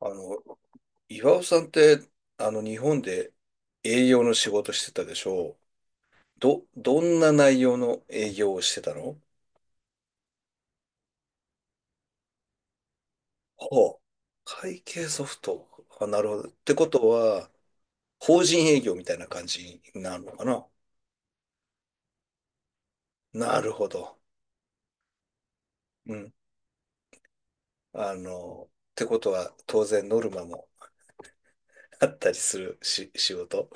あの、岩尾さんって、日本で営業の仕事してたでしょう。どんな内容の営業をしてたの？ほう。会計ソフト。あ、なるほど。ってことは、法人営業みたいな感じになるのかな？なるほど。うん。ってことは、当然ノルマも あったりするし、仕事。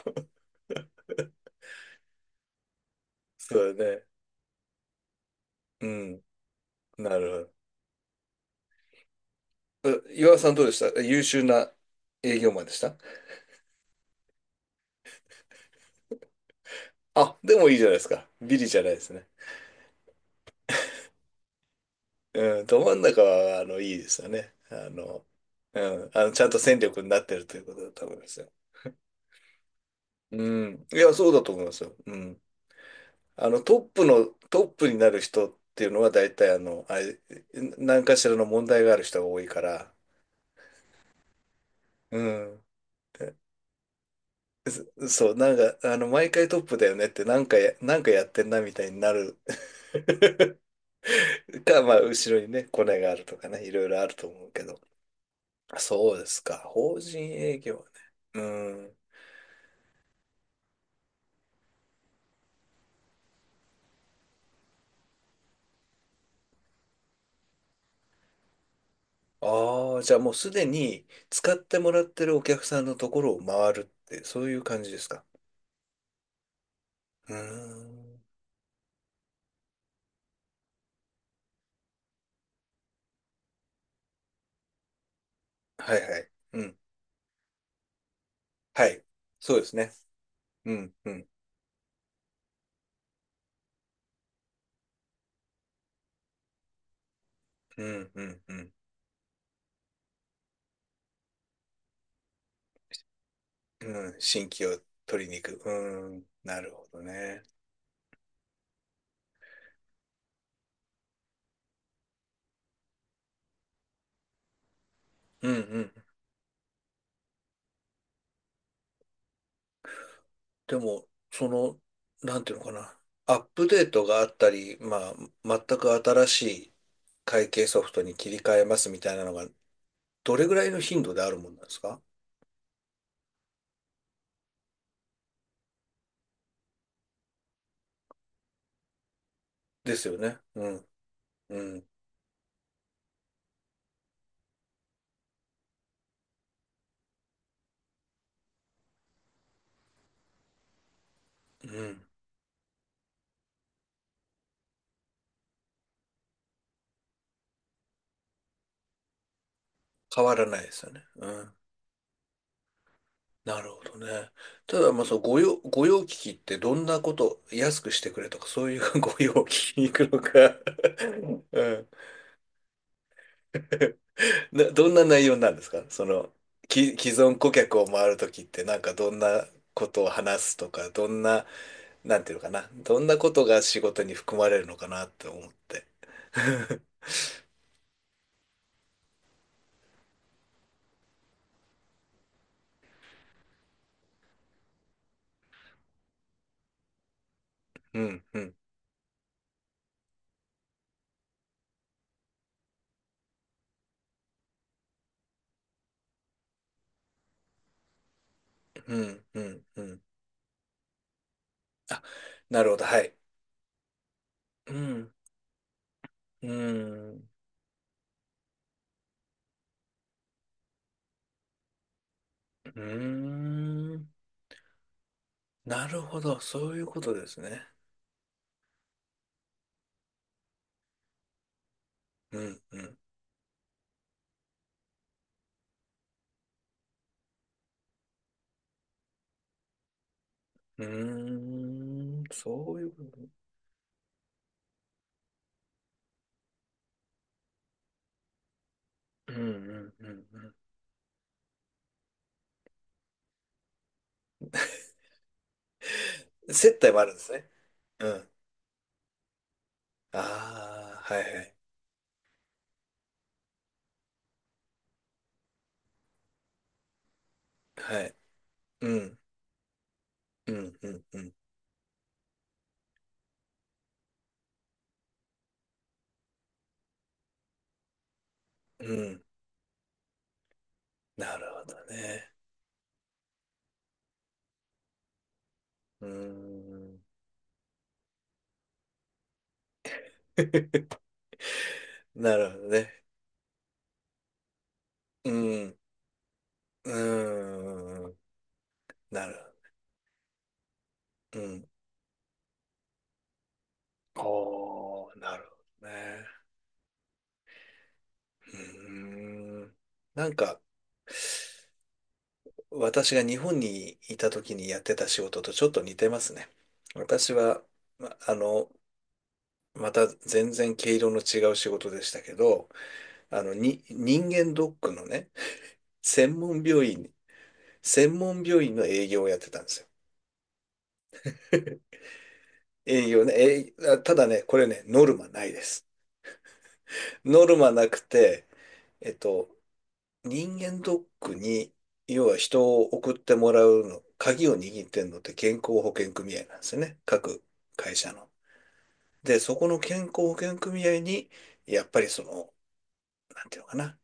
そうだね。うん。なるほど。え、岩尾さんどうでした？優秀な営業マンでした？あ、でもいいじゃないですか。ビリじゃないですね。うん、ど真ん中は、いいですよね。ちゃんと戦力になってるということだと思いますよ。うん。いや、そうだと思いますよ。うん。トップになる人っていうのは、大体、あの、あれ、何かしらの問題がある人が多いから、うん。そう、毎回トップだよねって、なんかやってんな、みたいになる まあ、後ろにね、コネがあるとかね、いろいろあると思うけど。そうですか。法人営業ね。うん。ああ、じゃあもうすでに使ってもらってるお客さんのところを回るって、そういう感じですか。うーん。はいはい。うん。はい。そうですね。うん、うん、うん、うん、うん。うん、新規を取りに行く。うん。なるほどね。うん、うん。でも、その、なんていうのかな。アップデートがあったり、まあ、全く新しい会計ソフトに切り替えますみたいなのがどれぐらいの頻度であるもんなんですか？ですよね。うん、うん、うん。変わらないですよね。うん。なるほどね。ただ、まあ、その御用聞きってどんなこと、安くしてくれとか、そういう 御用聞きに行くのか？うん。どんな内容なんですか、その、既存顧客を回るときって、なんかどんなことを話すとか、どんな、なんていうのかな、どんなことが仕事に含まれるのかなって思って。うん、うん、うん、うん、うん。あ、なるほど、はい。うん、うん、うーん。なるほど、そういうことですね。うん、うん、うーん、そういうこと。うん、うん、うん、うん。接待もあるんですね。うん。ああ、はい、はい、はい。うん、うん、うん、うん、うん。なるほどね。うーん、なるほどね。うん、うーん、なるほど。うん。おー、なるほどね。うーん。なんか、私が日本にいた時にやってた仕事とちょっと似てますね。私は、ま、あの、また全然毛色の違う仕事でしたけど、人間ドックのね、専門病院、専門病院の営業をやってたんですよ。営業ね、ただね、これね、ノルマないです。ノルマなくて、えっと、人間ドックに、要は人を送ってもらうの、鍵を握ってんのって健康保険組合なんですよね。各会社の。で、そこの健康保険組合に、やっぱりその、なんていうのかな、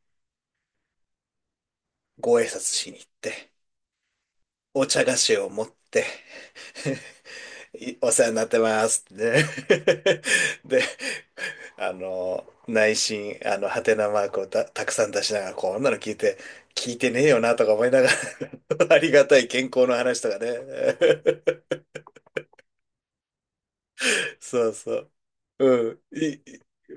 ご挨拶しに行って、お茶菓子を持って、いお世話になってますってね。で、内心、ハテナマークをたくさん出しながら、こんなの聞いて、聞いてねえよなとか思いながら ありがたい健康の話とかね。そうそう。うん。い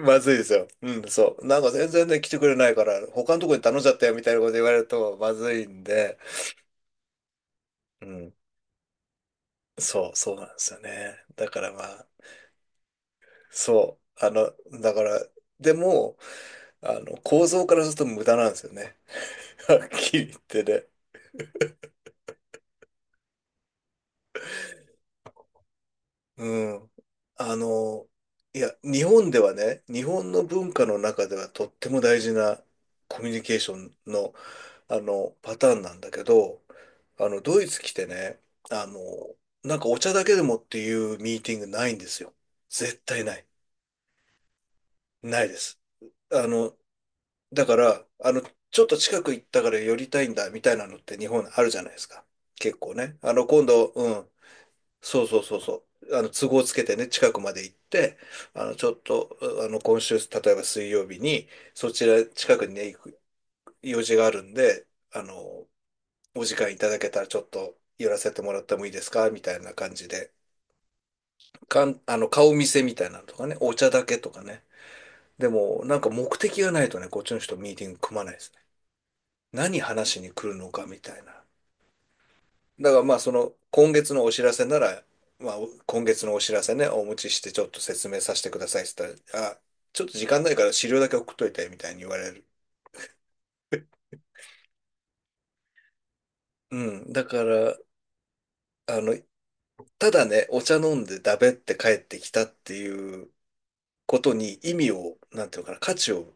まずいですよ。うん、そう。なんか全然ね、来てくれないから、他のとこに頼んじゃったよみたいなこと言われるとまずいんで、うん。そう、そうなんですよね。だからまあ、そう。あの、だから、でも、あの、構造からすると無駄なんですよね。はっきり言ってね。うん。あの、いや、日本ではね、日本の文化の中ではとっても大事なコミュニケーションのパターンなんだけど、ドイツ来てね、あの、なんかお茶だけでもっていうミーティングないんですよ。絶対ない。ないです。あの、だから、あの、ちょっと近く行ったから寄りたいんだみたいなのって日本あるじゃないですか。結構ね。今度、うん。そうそうそうそう。都合つけてね、近くまで行って、あの、ちょっと、あの、今週、例えば水曜日に、そちら近くにね、行く用事があるんで、あの、お時間いただけたらちょっと寄らせてもらってもいいですかみたいな感じで。かん、あの、顔見せみたいなのとかね、お茶だけとかね。でも、なんか目的がないとね、こっちの人ミーティング組まないですね。何話しに来るのかみたいな。だからまあ、その、今月のお知らせなら、まあ、今月のお知らせね、お持ちしてちょっと説明させてくださいって言ったら、あ、ちょっと時間ないから資料だけ送っといて、みたいに言われる。うん。だから、あの、ただね、お茶飲んでだべって帰ってきたっていうことに意味を、なんていうのかな、価値を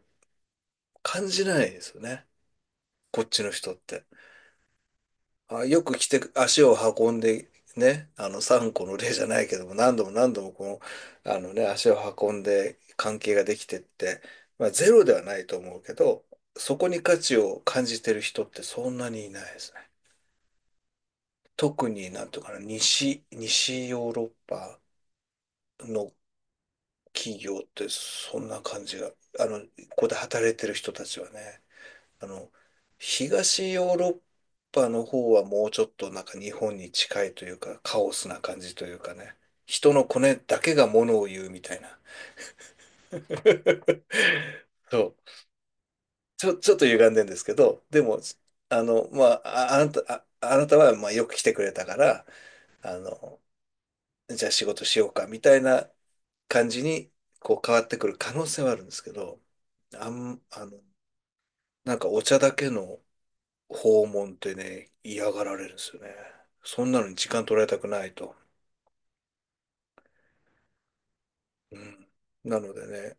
感じないですよね。こっちの人って。あ、よく来て、足を運んで、ね、3個の例じゃないけども、何度も何度もこの、あのね、足を運んで関係ができてって、まあ、ゼロではないと思うけど、そこに価値を感じてる人ってそんなにいないですね。特になんていうかな、西ヨーロッパの企業ってそんな感じが、ここで働いてる人たちはね。あの、東ヨーロッパの方はもうちょっとなんか日本に近いというか、カオスな感じというかね、人のコネだけがものを言うみたいな。そう。ちょっと歪んでんですけど、でも、あの、まあ、あ、あなた、あ、あなたはまあよく来てくれたから、あの、じゃあ仕事しようかみたいな感じにこう変わってくる可能性はあるんですけど、あん、あの、なんかお茶だけの訪問ってね、嫌がられるんですよね。そんなのに時間取られたくないと。うん。なのでね、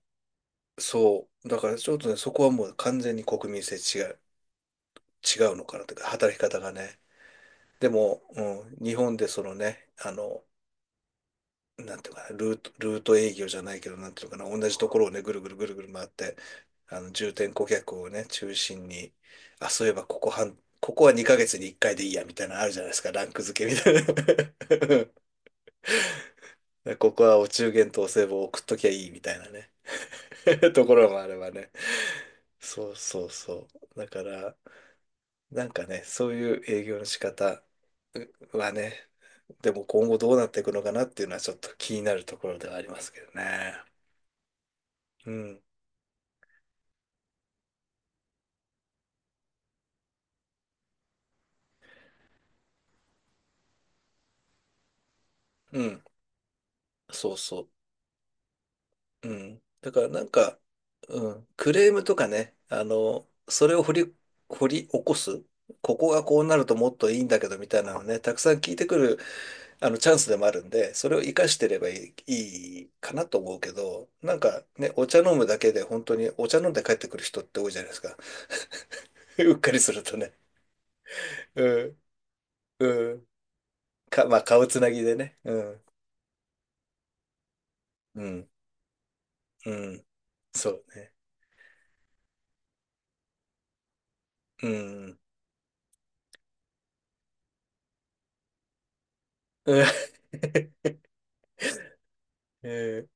そう。だからちょっとね、そこはもう完全に国民性違う、違うのかなというか、働き方がね。でも、うん、日本でそのね、なんていうのかな、ルート営業じゃないけど、なんていうのかな、同じところをね、ぐるぐるぐるぐる回って、重点顧客をね、中心に、あ、そういえばここは2ヶ月に1回でいいや、みたいなのあるじゃないですか、ランク付けみたいな。ね、ここはお中元とお歳暮を送っときゃいいみたいなね。 ところもあればね。そうそうそう。だから、なんかね、そういう営業の仕方はね、でも今後どうなっていくのかなっていうのはちょっと気になるところではありますけどね。うん。うん。そうそう。うん。だからなんか、うん。クレームとかね、それを掘り起こす。ここがこうなるともっといいんだけどみたいなのね、たくさん聞いてくるチャンスでもあるんで、それを活かしてればいいかなと思うけど、なんかね、お茶飲むだけで本当にお茶飲んで帰ってくる人って多いじゃないですか。うっかりするとね。うん、うん。まあ、顔つなぎでね。うん、うん、うん。そうね。うん、うん えー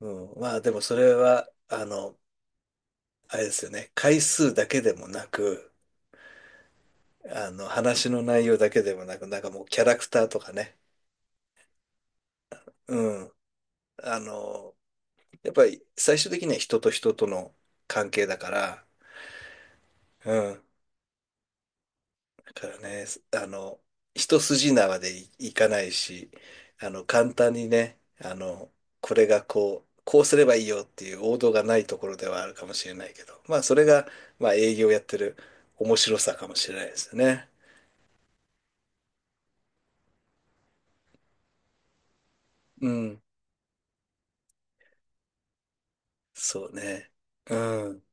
うん、まあ、でもそれは、あれですよね。回数だけでもなく、話の内容だけでもなく、なんかもうキャラクターとかね。うん。あの、やっぱり最終的には人と人との関係だから、うん。だからね、あの、一筋縄でいかないし、簡単にね、これがこう、こうすればいいよっていう王道がないところではあるかもしれないけど、まあ、それが、まあ、営業やってる面白さかもしれないですよね。うん。そうね。うん。